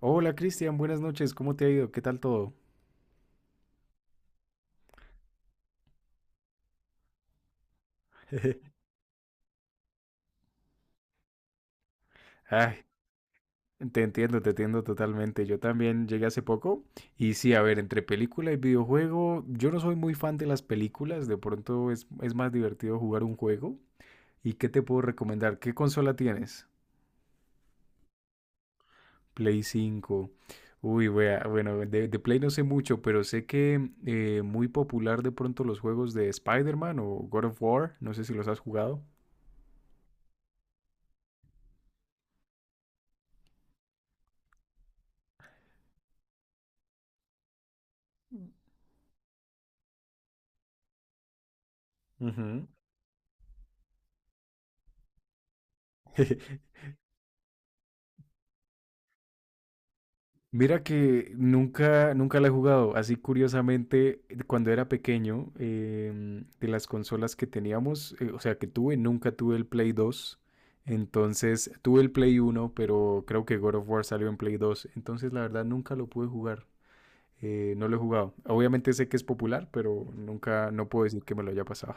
Hola Cristian, buenas noches, ¿cómo te ha ido? ¿Qué tal todo? Ay, te entiendo totalmente. Yo también llegué hace poco y sí, a ver, entre película y videojuego, yo no soy muy fan de las películas, de pronto es más divertido jugar un juego. ¿Y qué te puedo recomendar? ¿Qué consola tienes? Play 5. Uy, wea, bueno, de Play no sé mucho, pero sé que muy popular de pronto los juegos de Spider-Man o God of War, no sé si los has jugado. Ujú. Mira que nunca, nunca la he jugado. Así curiosamente, cuando era pequeño, de las consolas que teníamos, o sea, que tuve, nunca tuve el Play 2. Entonces, tuve el Play 1, pero creo que God of War salió en Play 2. Entonces, la verdad, nunca lo pude jugar. No lo he jugado. Obviamente sé que es popular, pero nunca, no puedo decir que me lo haya pasado.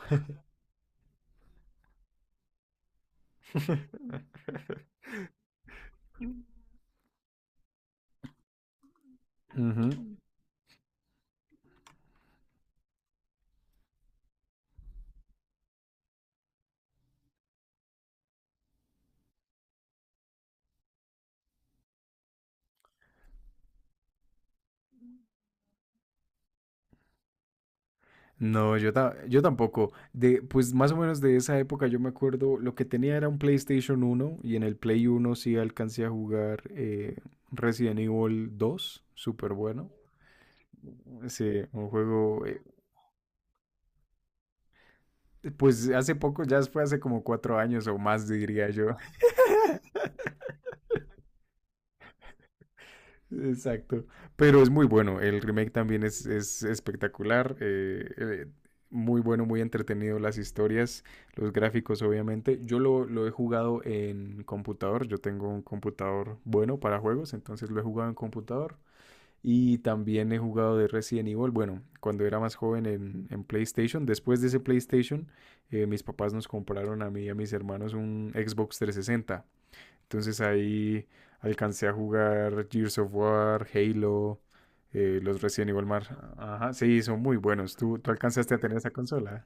Ujú. No, yo tampoco. Pues más o menos de esa época yo me acuerdo, lo que tenía era un PlayStation uno y en el Play uno sí alcancé a jugar Resident Evil 2, súper bueno. Sí, un juego, pues hace poco, ya fue hace como 4 años o más diría yo. Exacto. Pero es muy bueno. El remake también es espectacular. Muy bueno, muy entretenido. Las historias, los gráficos, obviamente. Yo lo he jugado en computador. Yo tengo un computador bueno para juegos, entonces lo he jugado en computador. Y también he jugado de Resident Evil. Bueno, cuando era más joven en, PlayStation. Después de ese PlayStation, mis papás nos compraron a mí y a mis hermanos un Xbox 360. Entonces ahí alcancé a jugar Gears of War, Halo, los Resident Evil Mar. Ajá, sí, son muy buenos. ¿Tú alcanzaste a tener esa consola?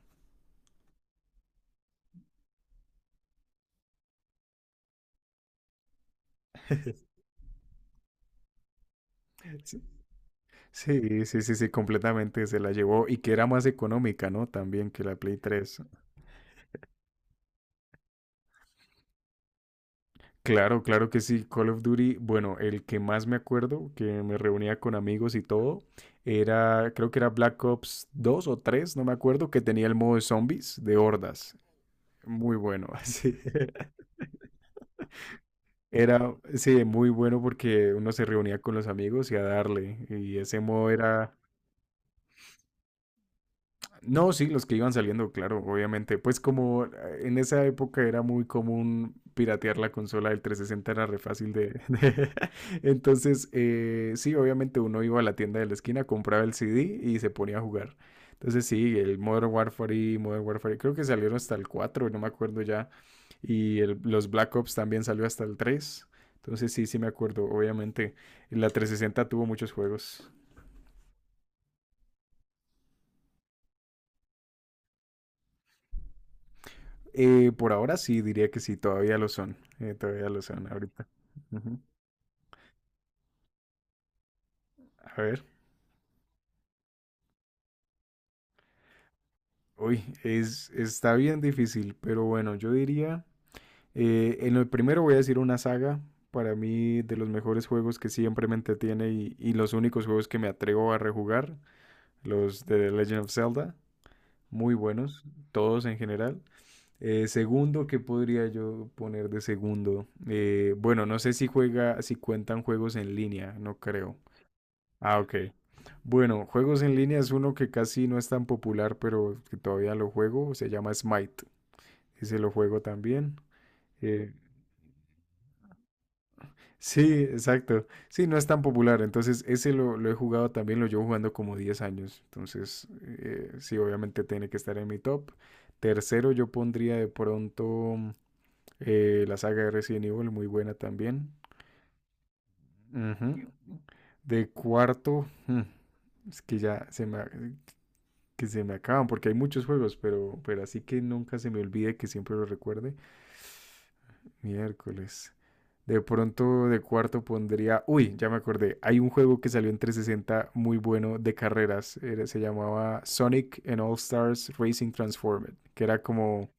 Sí, sí, sí, sí, sí, completamente se la llevó y que era más económica, ¿no? También que la Play 3. Claro, claro que sí, Call of Duty, bueno, el que más me acuerdo, que me reunía con amigos y todo, era, creo que era Black Ops 2 o 3, no me acuerdo, que tenía el modo de zombies de hordas. Muy bueno, así. Era, sí, muy bueno porque uno se reunía con los amigos y a darle. Y ese modo era, no, sí, los que iban saliendo, claro, obviamente. Pues como en esa época era muy común piratear la consola del 360, era re fácil. Entonces, sí, obviamente uno iba a la tienda de la esquina, compraba el CD y se ponía a jugar. Entonces, sí, el Modern Warfare y Modern Warfare, creo que salieron hasta el 4, no me acuerdo ya. Y los Black Ops también salió hasta el 3. Entonces, sí, sí me acuerdo, obviamente. La 360 tuvo muchos juegos. Por ahora sí, diría que sí, todavía lo son. Todavía lo son ahorita. Ujú. A ver. Uy, está bien difícil, pero bueno, yo diría, en el primero voy a decir una saga, para mí de los mejores juegos que siempre me entretiene y los únicos juegos que me atrevo a rejugar, los de The Legend of Zelda, muy buenos, todos en general. Segundo, ¿qué podría yo poner de segundo? Bueno, no sé si cuentan juegos en línea, no creo. Ah, ok. Bueno, juegos en línea es uno que casi no es tan popular, pero que todavía lo juego. Se llama Smite. Ese lo juego también. Eh, sí, exacto. Sí, no es tan popular. Entonces, ese lo he jugado también. Lo llevo jugando como 10 años. Entonces, sí, obviamente tiene que estar en mi top. Tercero, yo pondría de pronto la saga de Resident Evil, muy buena también. Ujú. De cuarto, es que ya que se me acaban, porque hay muchos juegos, pero así que nunca se me olvide que siempre lo recuerde. Miércoles. De pronto de cuarto pondría, uy, ya me acordé, hay un juego que salió en 360 muy bueno de carreras, se llamaba Sonic and All Stars Racing Transformed, que era como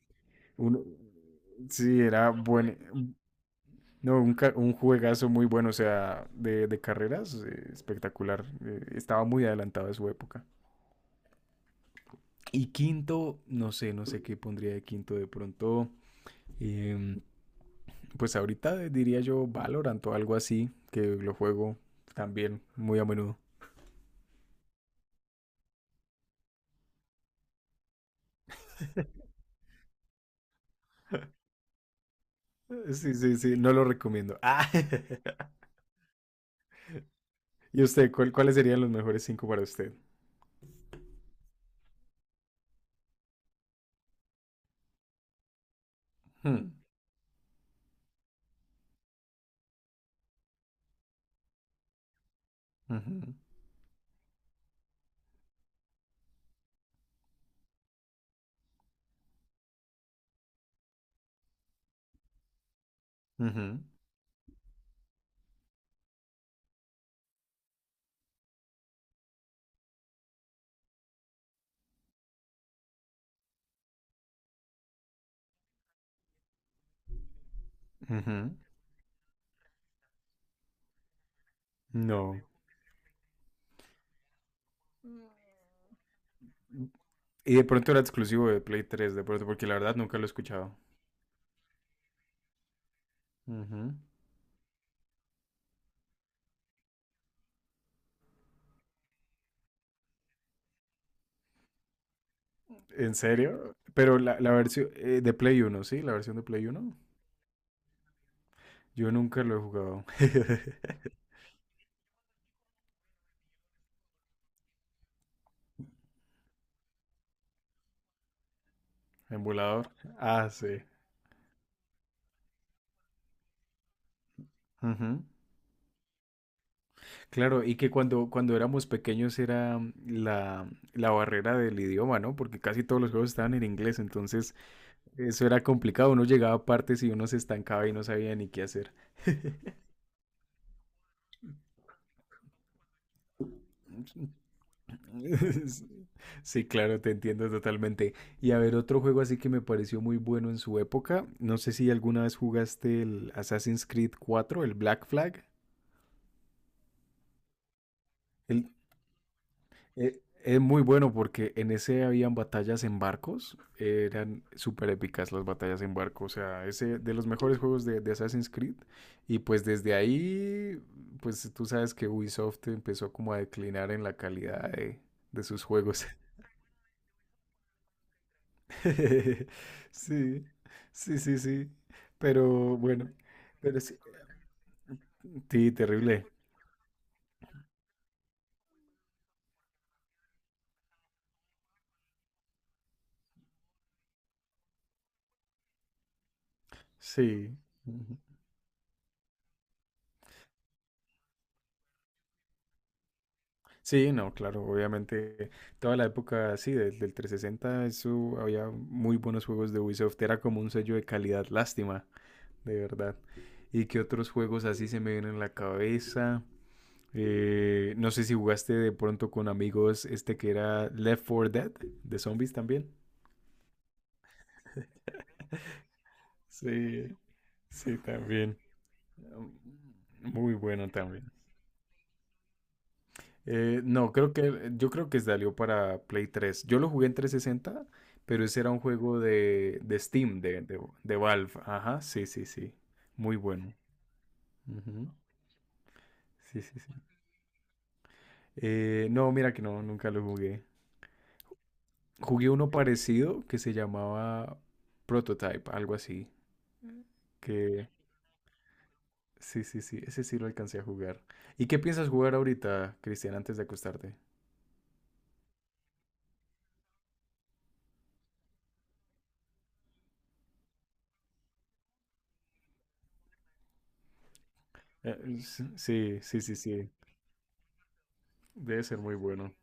un, sí, era bueno, no, un juegazo muy bueno, o sea, de carreras, espectacular, estaba muy adelantado de su época. Y quinto, no sé, no sé qué pondría de quinto de pronto. em, pues ahorita diría yo Valorant o algo así, que lo juego también muy a menudo. Sí, sí, sí, no lo recomiendo. Ah, ¿y usted, cuáles serían los mejores cinco para usted? Hmm, ujú, ujú, ujú, no. Y de pronto era exclusivo de Play 3 de pronto, porque la verdad nunca lo he escuchado. Ujú. ¿En serio? Pero la versión de Play uno, ¿sí? La versión de Play uno. Yo nunca lo he jugado. En volador. Ah, sí. Ujú. Claro, y que cuando éramos pequeños era la barrera del idioma, ¿no? Porque casi todos los juegos estaban en inglés, entonces eso era complicado. Uno llegaba a partes y uno se estancaba y no sabía ni qué hacer. Sí, claro, te entiendo totalmente. Y a ver, otro juego así que me pareció muy bueno en su época. No sé si alguna vez jugaste el Assassin's Creed 4, el Black Flag. El Es muy bueno porque en ese habían batallas en barcos, eran súper épicas las batallas en barco, o sea, ese de los mejores juegos de Assassin's Creed y pues desde ahí, pues tú sabes que Ubisoft empezó como a declinar en la calidad de sus juegos. Sí, sí, sí, sí, pero bueno, pero sí, sí, terrible, sí. Sí, no, claro, obviamente toda la época así del 360, eso había muy buenos juegos de Ubisoft, era como un sello de calidad, lástima, de verdad. ¿Y qué otros juegos así se me vienen en la cabeza? No sé si jugaste de pronto con amigos este que era Left 4 Dead, de zombies también. Sí, sí, también. Muy bueno también. No, creo que yo creo que salió para Play 3. Yo lo jugué en 360, pero ese era un juego de Steam, de Valve. Ajá, sí, sí, sí. Muy bueno. Ujú. Sí, sí, sí. No, mira que no, nunca lo jugué. Jugué uno parecido que se llamaba Prototype, algo así. Que sí, sí, sí, ese sí lo alcancé a jugar. ¿Y qué piensas jugar ahorita, Cristian, antes de acostarte? Sí, sí, sí, sí. Debe ser muy bueno.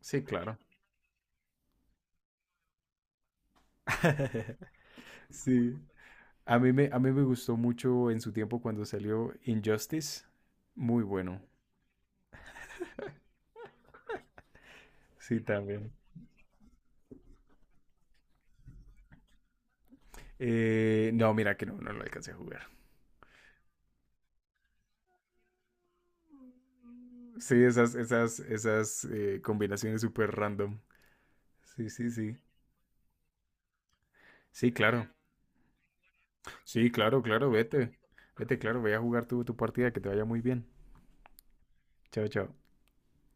Sí, claro. Sí. A mí me gustó mucho en su tiempo cuando salió Injustice. Muy bueno. Sí, también. No, mira que no, no lo alcancé a jugar. Sí, esas combinaciones súper random. Sí, sí, sí. Sí, claro. Sí, claro, claro, vete. Vete, claro, ve a jugar tu partida, que te vaya muy bien. Chao, chao.